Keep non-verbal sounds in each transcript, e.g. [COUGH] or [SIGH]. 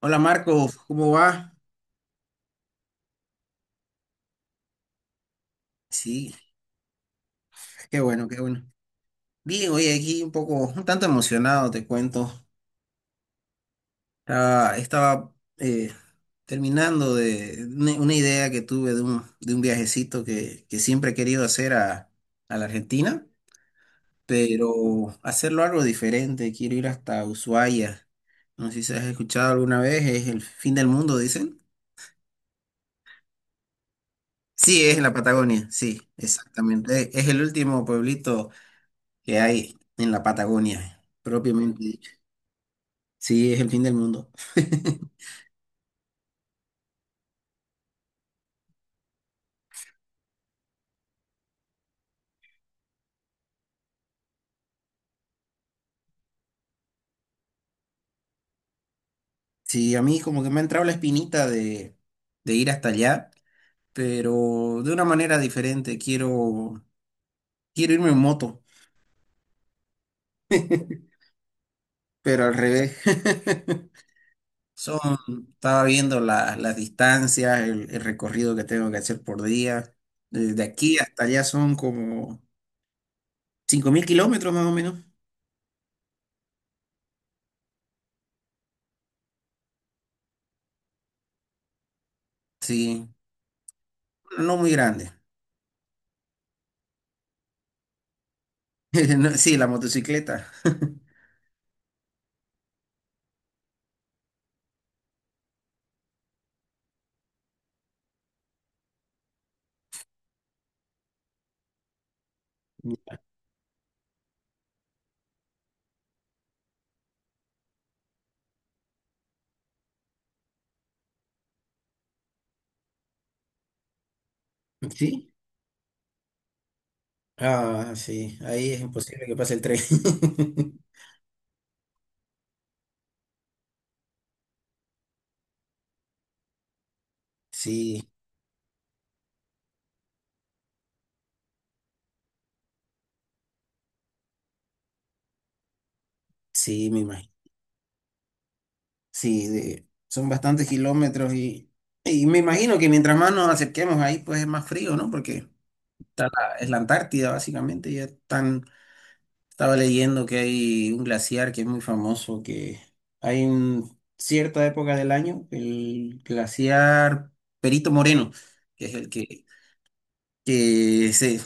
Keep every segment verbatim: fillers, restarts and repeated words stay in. Hola Marco, ¿cómo va? Sí, qué bueno, qué bueno. Bien, oye, aquí un poco, un tanto emocionado, te cuento. Ah, estaba eh, terminando de una una idea que tuve de un, de un viajecito que, que siempre he querido hacer a, a la Argentina, pero hacerlo algo diferente. Quiero ir hasta Ushuaia. No sé si has escuchado alguna vez, es el fin del mundo, dicen. Sí, es en la Patagonia, sí, exactamente. Es, es el último pueblito que hay en la Patagonia, propiamente dicho. Sí, es el fin del mundo. [LAUGHS] Sí, a mí como que me ha entrado la espinita de, de ir hasta allá, pero de una manera diferente. Quiero, quiero irme en moto, [LAUGHS] pero al revés. [LAUGHS] Son, estaba viendo la- las distancias, el, el recorrido que tengo que hacer por día. Desde aquí hasta allá son como cinco mil kilómetros más o menos. Sí, no muy grande. [LAUGHS] No, Sí, la motocicleta. [LAUGHS] Sí. Ah, sí, ahí es imposible que pase el tren. [LAUGHS] Sí, sí, me imagino. Sí, de- son bastantes kilómetros y, y me imagino que mientras más nos acerquemos ahí, pues es más frío, ¿no? Porque está la- es la Antártida, básicamente. Ya están, estaba leyendo que hay un glaciar que es muy famoso, que hay en cierta época del año, el glaciar Perito Moreno, que es el que que se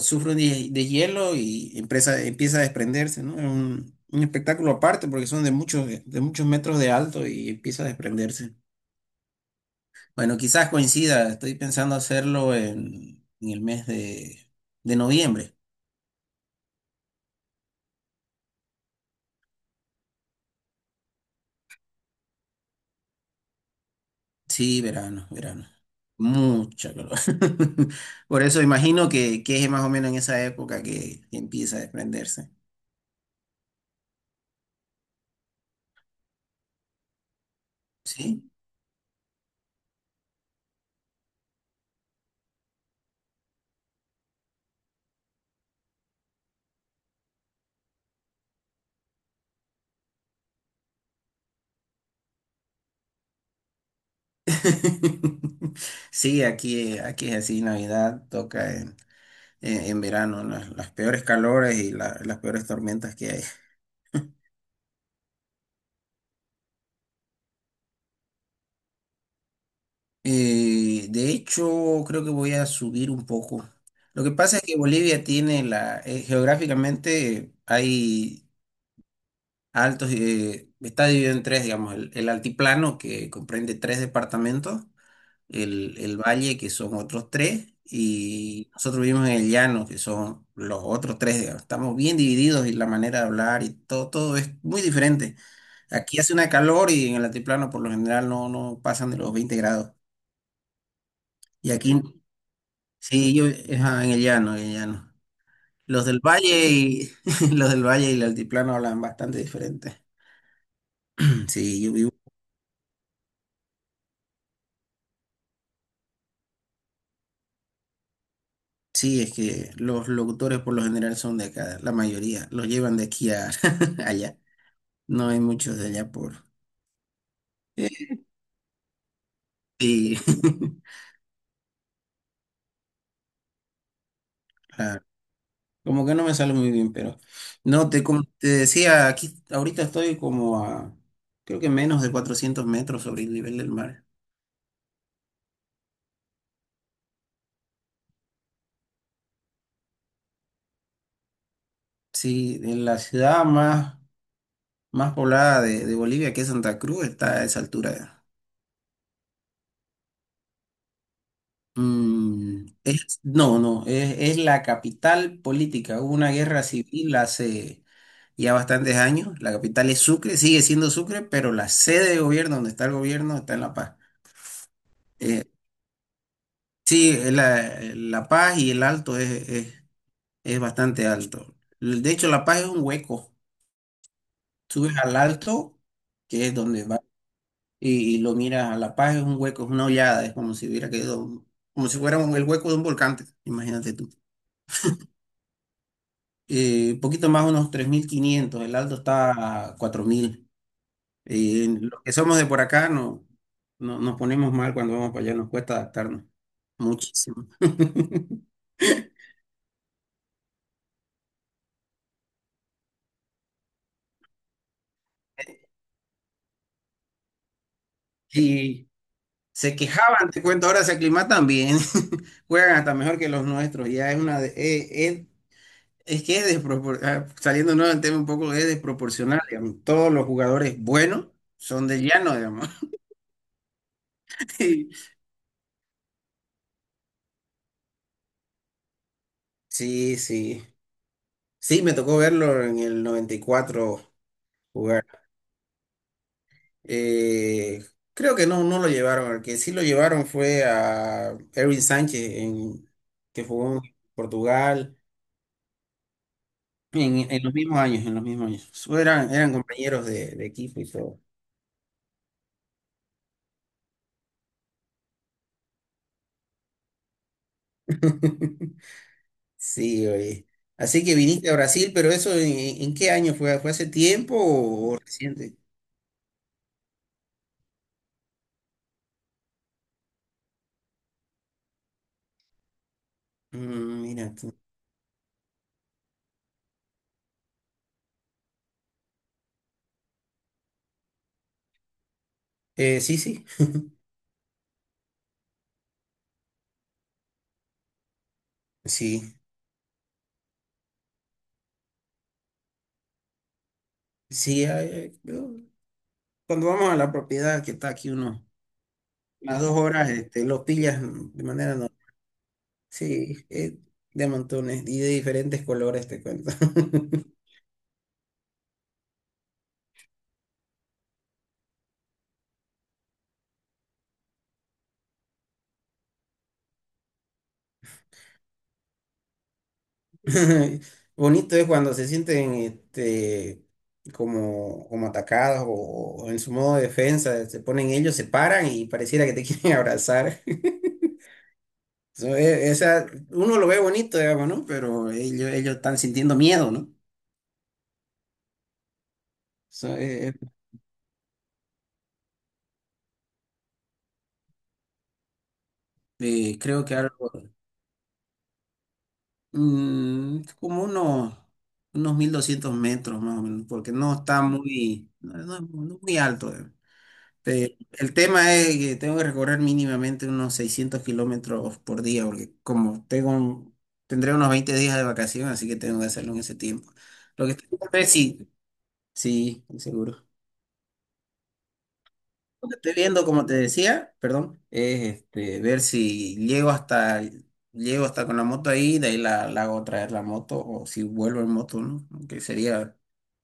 sufre un de- hielo y empresa- empieza a desprenderse, ¿no? Es un, un espectáculo aparte porque son de muchos, de muchos metros de alto y empieza a desprenderse. Bueno, quizás coincida, estoy pensando hacerlo en, en el mes de, de noviembre. Sí, verano, verano. Mucha calor. [LAUGHS] Por eso imagino que, que es más o menos en esa época que, que empieza a desprenderse. ¿Sí? [LAUGHS] Sí, aquí, aquí es así, Navidad toca en eh, en verano, las, las peores calores y la- las peores tormentas que hay. Eh, de hecho, creo que voy a subir un poco. Lo que pasa es que Bolivia tiene la, eh, geográficamente hay altos, eh, está dividido en tres, digamos, el, el altiplano que comprende tres departamentos, el, el valle, que son otros tres, y nosotros vivimos en el llano, que son los otros tres, digamos. Estamos bien divididos y la manera de hablar y todo, todo es muy diferente. Aquí hace una calor y en el altiplano por lo general no, no pasan de los veinte grados. Y aquí, sí, yo, ajá, en el llano, en el llano. Los del valle y [LAUGHS] los del valle y el altiplano hablan bastante diferente. Sí, yo vivo- Sí, es que los locutores por lo general son de acá, la mayoría los llevan de aquí a [LAUGHS] allá. No hay muchos de allá por... Eh, Sí, [LAUGHS] claro. Como que no me sale muy bien, pero... No, te, como te decía, aquí ahorita estoy como a... Creo que menos de cuatrocientos metros sobre el nivel del mar. Sí, en la ciudad más, más poblada de, de Bolivia, que es Santa Cruz, está a esa altura. Mm, es- no, no, es, es la capital política. Hubo una guerra civil hace ya bastantes años. La capital es Sucre, sigue siendo Sucre, pero la sede de gobierno, donde está el gobierno, está en La Paz. Eh, sí, es la, La Paz y el Alto es, es, es bastante alto. De hecho, La Paz es un hueco. Subes al Alto, que es donde va, y, y lo miras a La Paz, es un hueco, es una hollada, es como si hubiera quedado, como si fuera un- el hueco de un volcán, imagínate tú. Eh, un poquito más, unos tres mil quinientos. el alto está a cuatro mil. Eh, los que somos de por acá no, no, nos ponemos mal cuando vamos para allá, nos cuesta adaptarnos muchísimo. [LAUGHS] Y se quejaban, te cuento, ahora se aclimatan bien, [LAUGHS] juegan hasta mejor que los nuestros, ya es una... de- eh, eh, es que es desproporcional, saliéndonos del tema un poco, es desproporcional, digamos. Todos los jugadores buenos son del llano, digamos. [LAUGHS] Sí, sí. Sí, me tocó verlo en el noventa y cuatro jugar. Eh, Creo que no, no lo llevaron. El que sí lo llevaron fue a Erwin Sánchez, en, que jugó en Portugal en, en los mismos años, en los mismos años. Eran, eran compañeros de, de equipo y todo. [LAUGHS] Sí, oye. Así que viniste a Brasil, pero eso, ¿en, en qué año fue? ¿Fue hace tiempo o, o reciente? Mm, mira tú. Eh, sí, sí, sí, sí. Ah, eh, yo- cuando vamos a la propiedad que está aquí uno, las dos horas, este, lo pillas de manera. Sí, eh, de montones y de diferentes colores te cuento. [LAUGHS] [LAUGHS] Bonito es cuando se sienten este, como, como atacados o, o en su modo de defensa, se ponen ellos, se paran y pareciera que te [LAUGHS] quieren abrazar. So, e- esa, uno lo ve bonito, digamos, ¿no? Pero ellos, ellos están sintiendo miedo, ¿no? So, eh, eh, creo que algo, mm, como unos, unos mil doscientos metros más o menos, porque no está muy, no, no- no muy alto. Eh, el tema es que tengo que recorrer mínimamente unos seiscientos kilómetros por día, porque como tengo un- tendré unos veinte días de vacación, así que tengo que hacerlo en ese tiempo. Lo que estoy viendo es si, sí, seguro. Lo que estoy viendo, como te decía, perdón, es este, ver si llego hasta, llego hasta con la moto ahí, de ahí la, la hago traer la moto, o si vuelvo en moto, ¿no? Que sería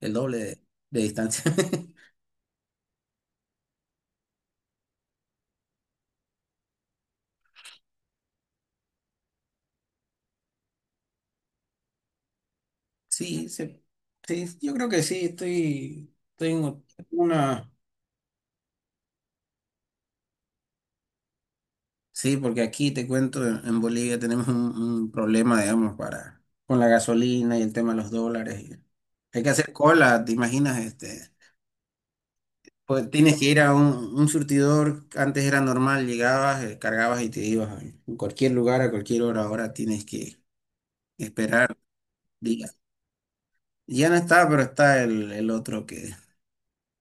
el doble de de distancia. [LAUGHS] Sí, se- sí, yo creo que sí, estoy, tengo una... Sí, porque aquí te cuento, en en Bolivia tenemos un, un problema, digamos, para, con la gasolina y el tema de los dólares. y hay que hacer cola, ¿te imaginas? Este, pues tienes que ir a un, un surtidor, antes era normal, llegabas, eh, cargabas y te ibas a en cualquier lugar, a cualquier hora, ahora tienes que esperar días. Ya no está, pero está el, el otro que...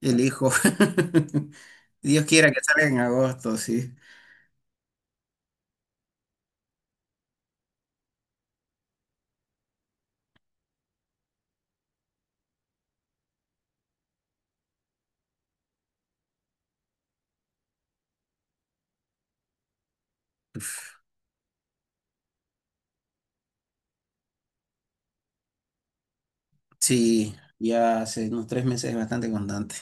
El hijo. [LAUGHS] Dios quiera que salga en agosto, sí. Sí, ya hace unos tres meses es bastante constante.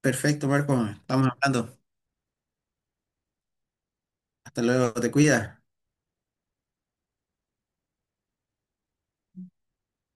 Perfecto, Marco. Estamos hablando. Hasta luego. Te cuidas.